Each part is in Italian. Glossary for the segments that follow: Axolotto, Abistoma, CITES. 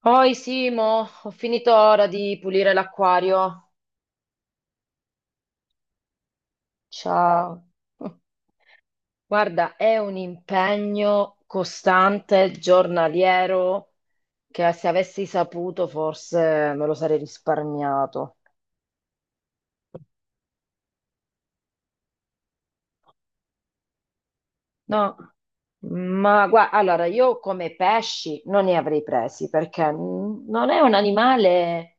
Poi Simo, ho finito ora di pulire l'acquario. Ciao. Guarda, è un impegno costante, giornaliero, che se avessi saputo forse me lo sarei risparmiato. No, ma guarda, allora io come pesci non ne avrei presi perché non è un animale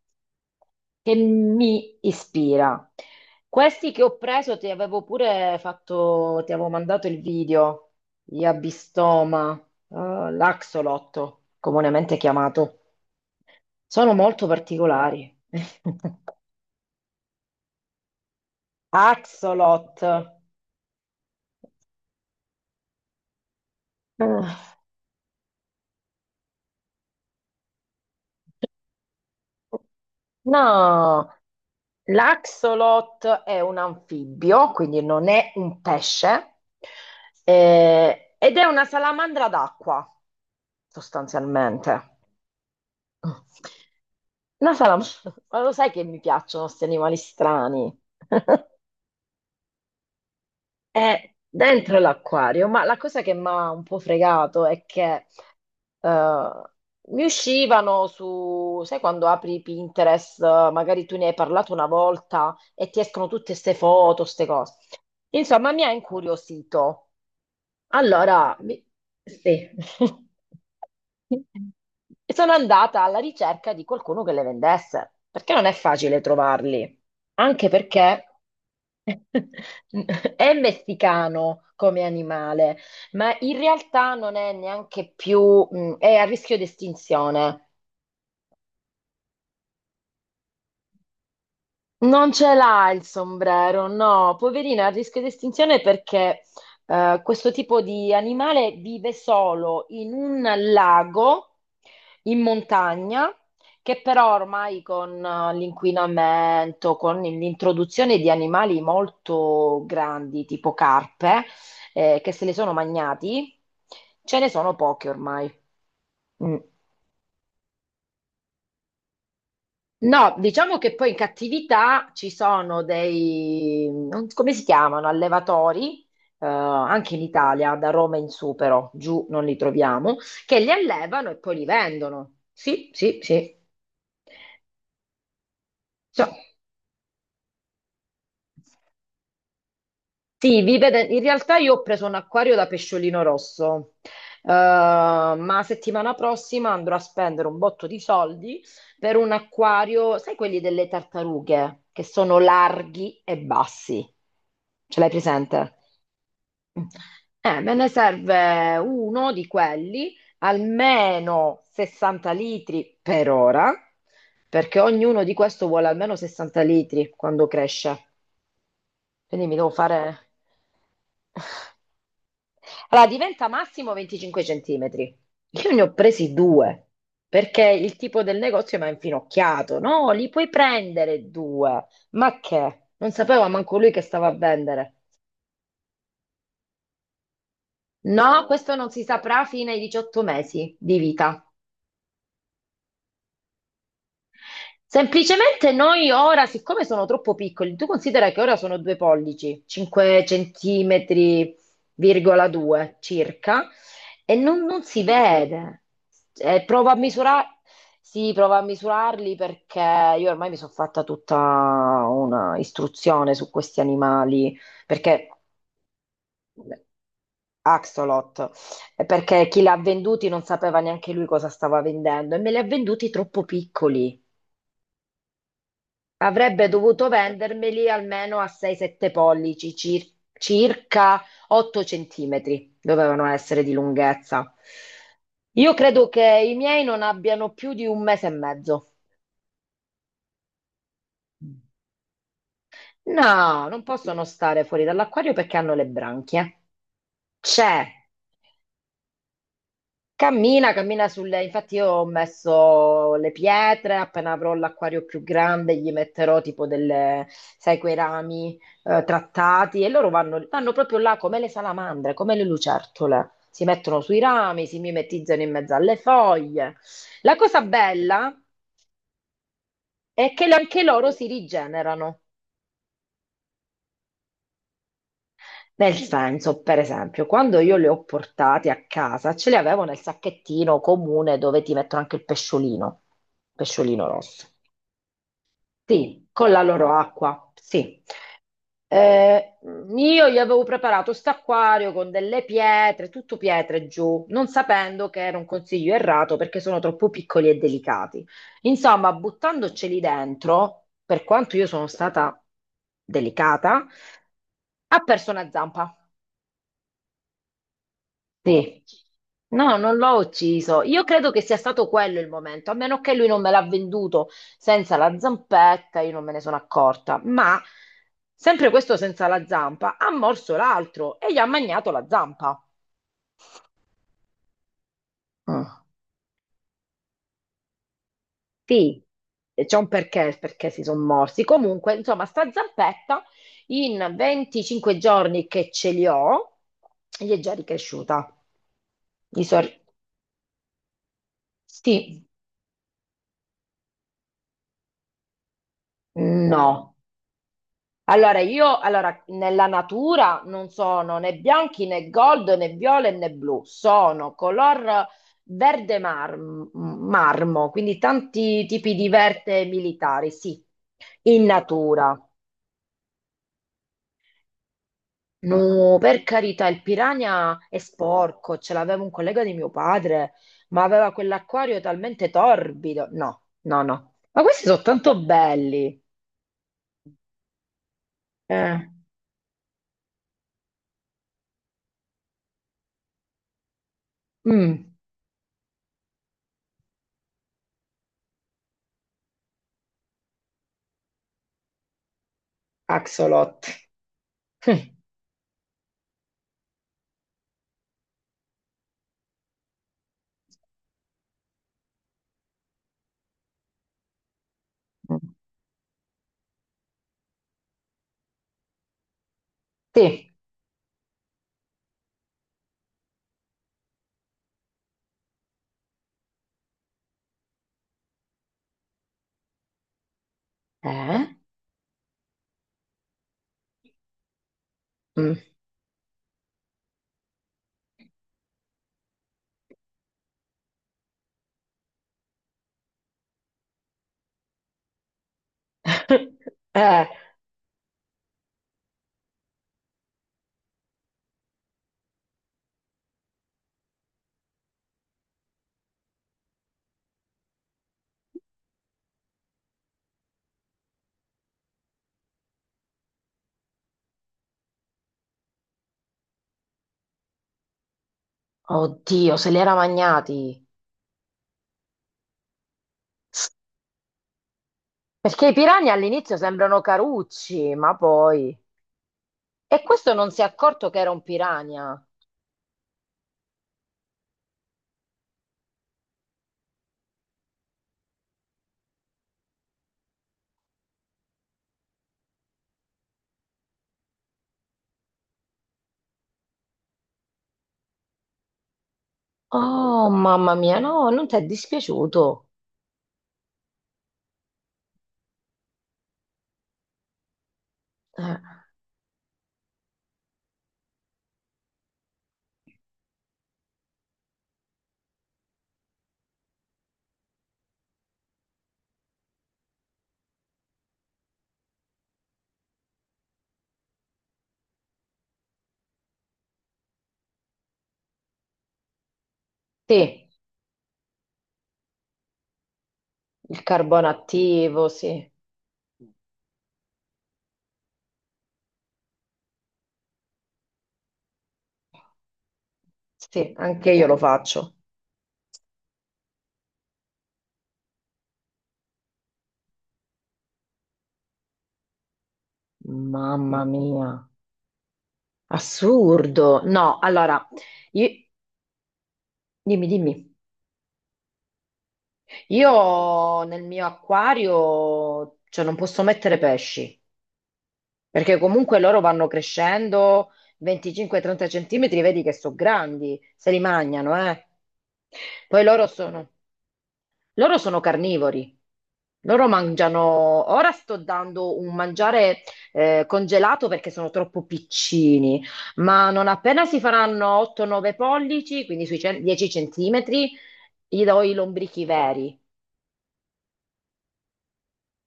che mi ispira. Questi che ho preso ti avevo pure fatto, ti avevo mandato il video, gli Abistoma, l'Axolotto, comunemente chiamato. Sono molto particolari. Axolot. Ah, no, l'axolot è un anfibio, quindi non è un pesce, ed è una salamandra d'acqua, sostanzialmente. Una salamandra, ma lo sai che mi piacciono questi animali strani? È dentro l'acquario, ma la cosa che mi ha un po' fregato è che eh, mi uscivano su, sai quando apri Pinterest, magari tu ne hai parlato una volta e ti escono tutte queste foto, queste cose. Insomma, mi ha incuriosito. Allora, sì. E sono andata alla ricerca di qualcuno che le vendesse, perché non è facile trovarli, anche perché è messicano come animale, ma in realtà non è neanche più, è a rischio di estinzione. Non ce l'ha il sombrero, no, poverina, a rischio di estinzione perché questo tipo di animale vive solo in un lago in montagna, che però ormai con l'inquinamento, con l'introduzione di animali molto grandi, tipo carpe, che se li sono magnati, ce ne sono pochi ormai. Mm. No, diciamo che poi in cattività ci sono dei, so come si chiamano, allevatori, anche in Italia, da Roma in su però, giù non li troviamo, che li allevano e poi li vendono. Sì, sì, sì. Cioè, sì, vive in realtà io ho preso un acquario da pesciolino rosso, ma settimana prossima andrò a spendere un botto di soldi per un acquario, sai quelli delle tartarughe, che sono larghi e bassi. Ce l'hai presente? Me ne serve uno di quelli, almeno 60 litri per ora, perché ognuno di questo vuole almeno 60 litri quando cresce. Quindi mi devo fare... Allora, diventa massimo 25 centimetri. Io ne ho presi due, perché il tipo del negozio mi ha infinocchiato. No, li puoi prendere due. Ma che? Non sapeva manco lui che stava a vendere. No, questo non si saprà fino ai 18 mesi di vita. Semplicemente noi ora, siccome sono troppo piccoli, tu considera che ora sono 2 pollici, 5 centimetri, virgola 2 circa, e non si vede. Provo a misurare, sì, provo a misurarli perché io ormai mi sono fatta tutta una istruzione su questi animali, perché Axolot, perché chi li ha venduti non sapeva neanche lui cosa stava vendendo e me li ha venduti troppo piccoli. Avrebbe dovuto vendermeli almeno a 6-7 pollici, circa 8 centimetri dovevano essere di lunghezza. Io credo che i miei non abbiano più di un mese e mezzo. No, non possono stare fuori dall'acquario perché hanno le branchie. C'è Cammina, cammina sulle... Infatti io ho messo le pietre, appena avrò l'acquario più grande gli metterò tipo delle, sai, quei rami trattati e loro vanno proprio là come le salamandre, come le lucertole. Si mettono sui rami, si mimetizzano in mezzo alle foglie. La cosa bella è che anche loro si rigenerano. Nel senso, per esempio, quando io le ho portate a casa, ce le avevo nel sacchettino comune dove ti mettono anche il pesciolino, pesciolino rosso. Sì, con la loro acqua, sì. Eh, io gli avevo preparato st'acquario con delle pietre, tutto pietre giù, non sapendo che era un consiglio errato perché sono troppo piccoli e delicati. Insomma, buttandoceli dentro, per quanto io sono stata delicata, ha perso una zampa. Sì. No, non l'ho ucciso. Io credo che sia stato quello il momento, a meno che lui non me l'ha venduto senza la zampetta, io non me ne sono accorta. Ma sempre questo senza la zampa ha morso l'altro e gli ha magnato la zampa. Mm. Sì, e c'è un perché, perché si sono morsi. Comunque, insomma, sta zampetta in 25 giorni che ce li ho, gli è già ricresciuta. Gli so- Sì, no. Allora, io allora, nella natura non sono né bianchi né gold né viola né blu, sono color verde marmo, quindi tanti tipi di verde militari, sì, in natura. No, per carità, il piranha è sporco, ce l'aveva un collega di mio padre, ma aveva quell'acquario talmente torbido. No, no, no. Ma questi sono tanto belli. Eh. Mm, axolot. Sì. Eh? Mm. Eh, oddio, se li era magnati. Perché i piranha all'inizio sembrano carucci, ma poi... E questo non si è accorto che era un piranha. Oh, mamma mia, no, non ti è dispiaciuto. Eh, sì, il carbone attivo, sì. Sì, anche io lo faccio. Mamma mia, assurdo. No, allora, i- dimmi, dimmi. Io nel mio acquario, cioè, non posso mettere pesci. Perché comunque loro vanno crescendo 25-30 centimetri, vedi che sono grandi, se li mangiano, eh. Poi loro sono carnivori. Loro mangiano, ora sto dando un mangiare congelato perché sono troppo piccini, ma non appena si faranno 8-9 pollici, quindi sui 10 centimetri, gli do i lombrichi veri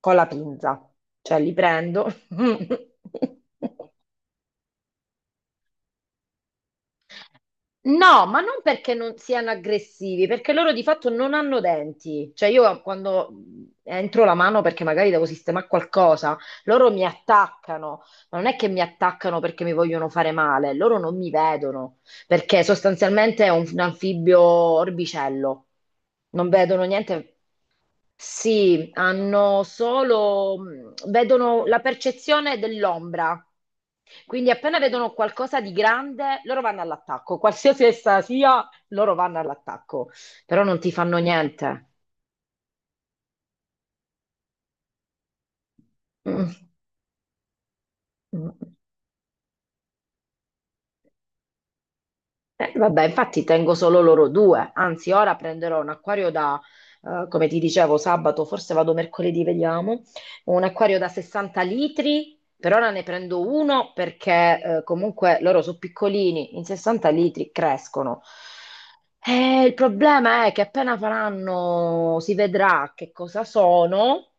con la pinza, cioè li prendo. No, ma non perché non siano aggressivi, perché loro di fatto non hanno denti. Cioè io quando entro la mano perché magari devo sistemare qualcosa, loro mi attaccano, ma non è che mi attaccano perché mi vogliono fare male, loro non mi vedono, perché sostanzialmente è un anfibio orbicello, non vedono niente. Sì, hanno solo, vedono la percezione dell'ombra. Quindi appena vedono qualcosa di grande, loro vanno all'attacco. Qualsiasi essa sia, loro vanno all'attacco. Però non ti fanno niente. Mm. Mm. Vabbè, infatti tengo solo loro due, anzi ora prenderò un acquario da, come ti dicevo, sabato, forse vado mercoledì, vediamo, un acquario da 60 litri, per ora ne prendo uno perché comunque loro sono piccolini, in 60 litri crescono. Il problema è che appena faranno, si vedrà che cosa sono,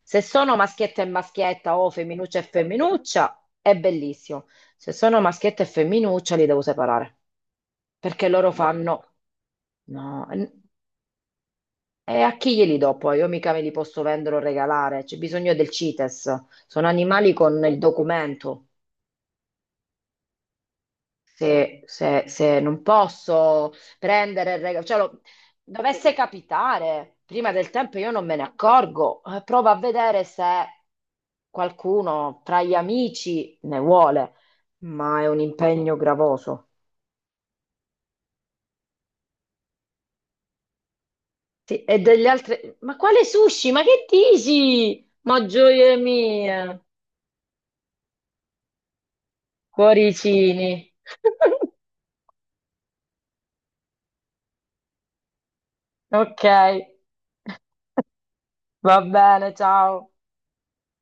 se sono maschietta e maschietta o femminuccia e femminuccia, è bellissimo, se sono maschietta e femminuccia li devo separare perché loro fanno... No, e a chi glieli do poi? Io mica me li posso vendere o regalare, c'è bisogno del CITES, sono animali con il documento. Se non posso prendere il regalo, cioè, dovesse capitare prima del tempo, io non me ne accorgo, provo a vedere se qualcuno tra gli amici ne vuole, ma è un impegno gravoso. Sì, e degli altri, ma quale sushi? Ma che dici? Ma gioie mie! Cuoricini. Ok, va bene, ciao.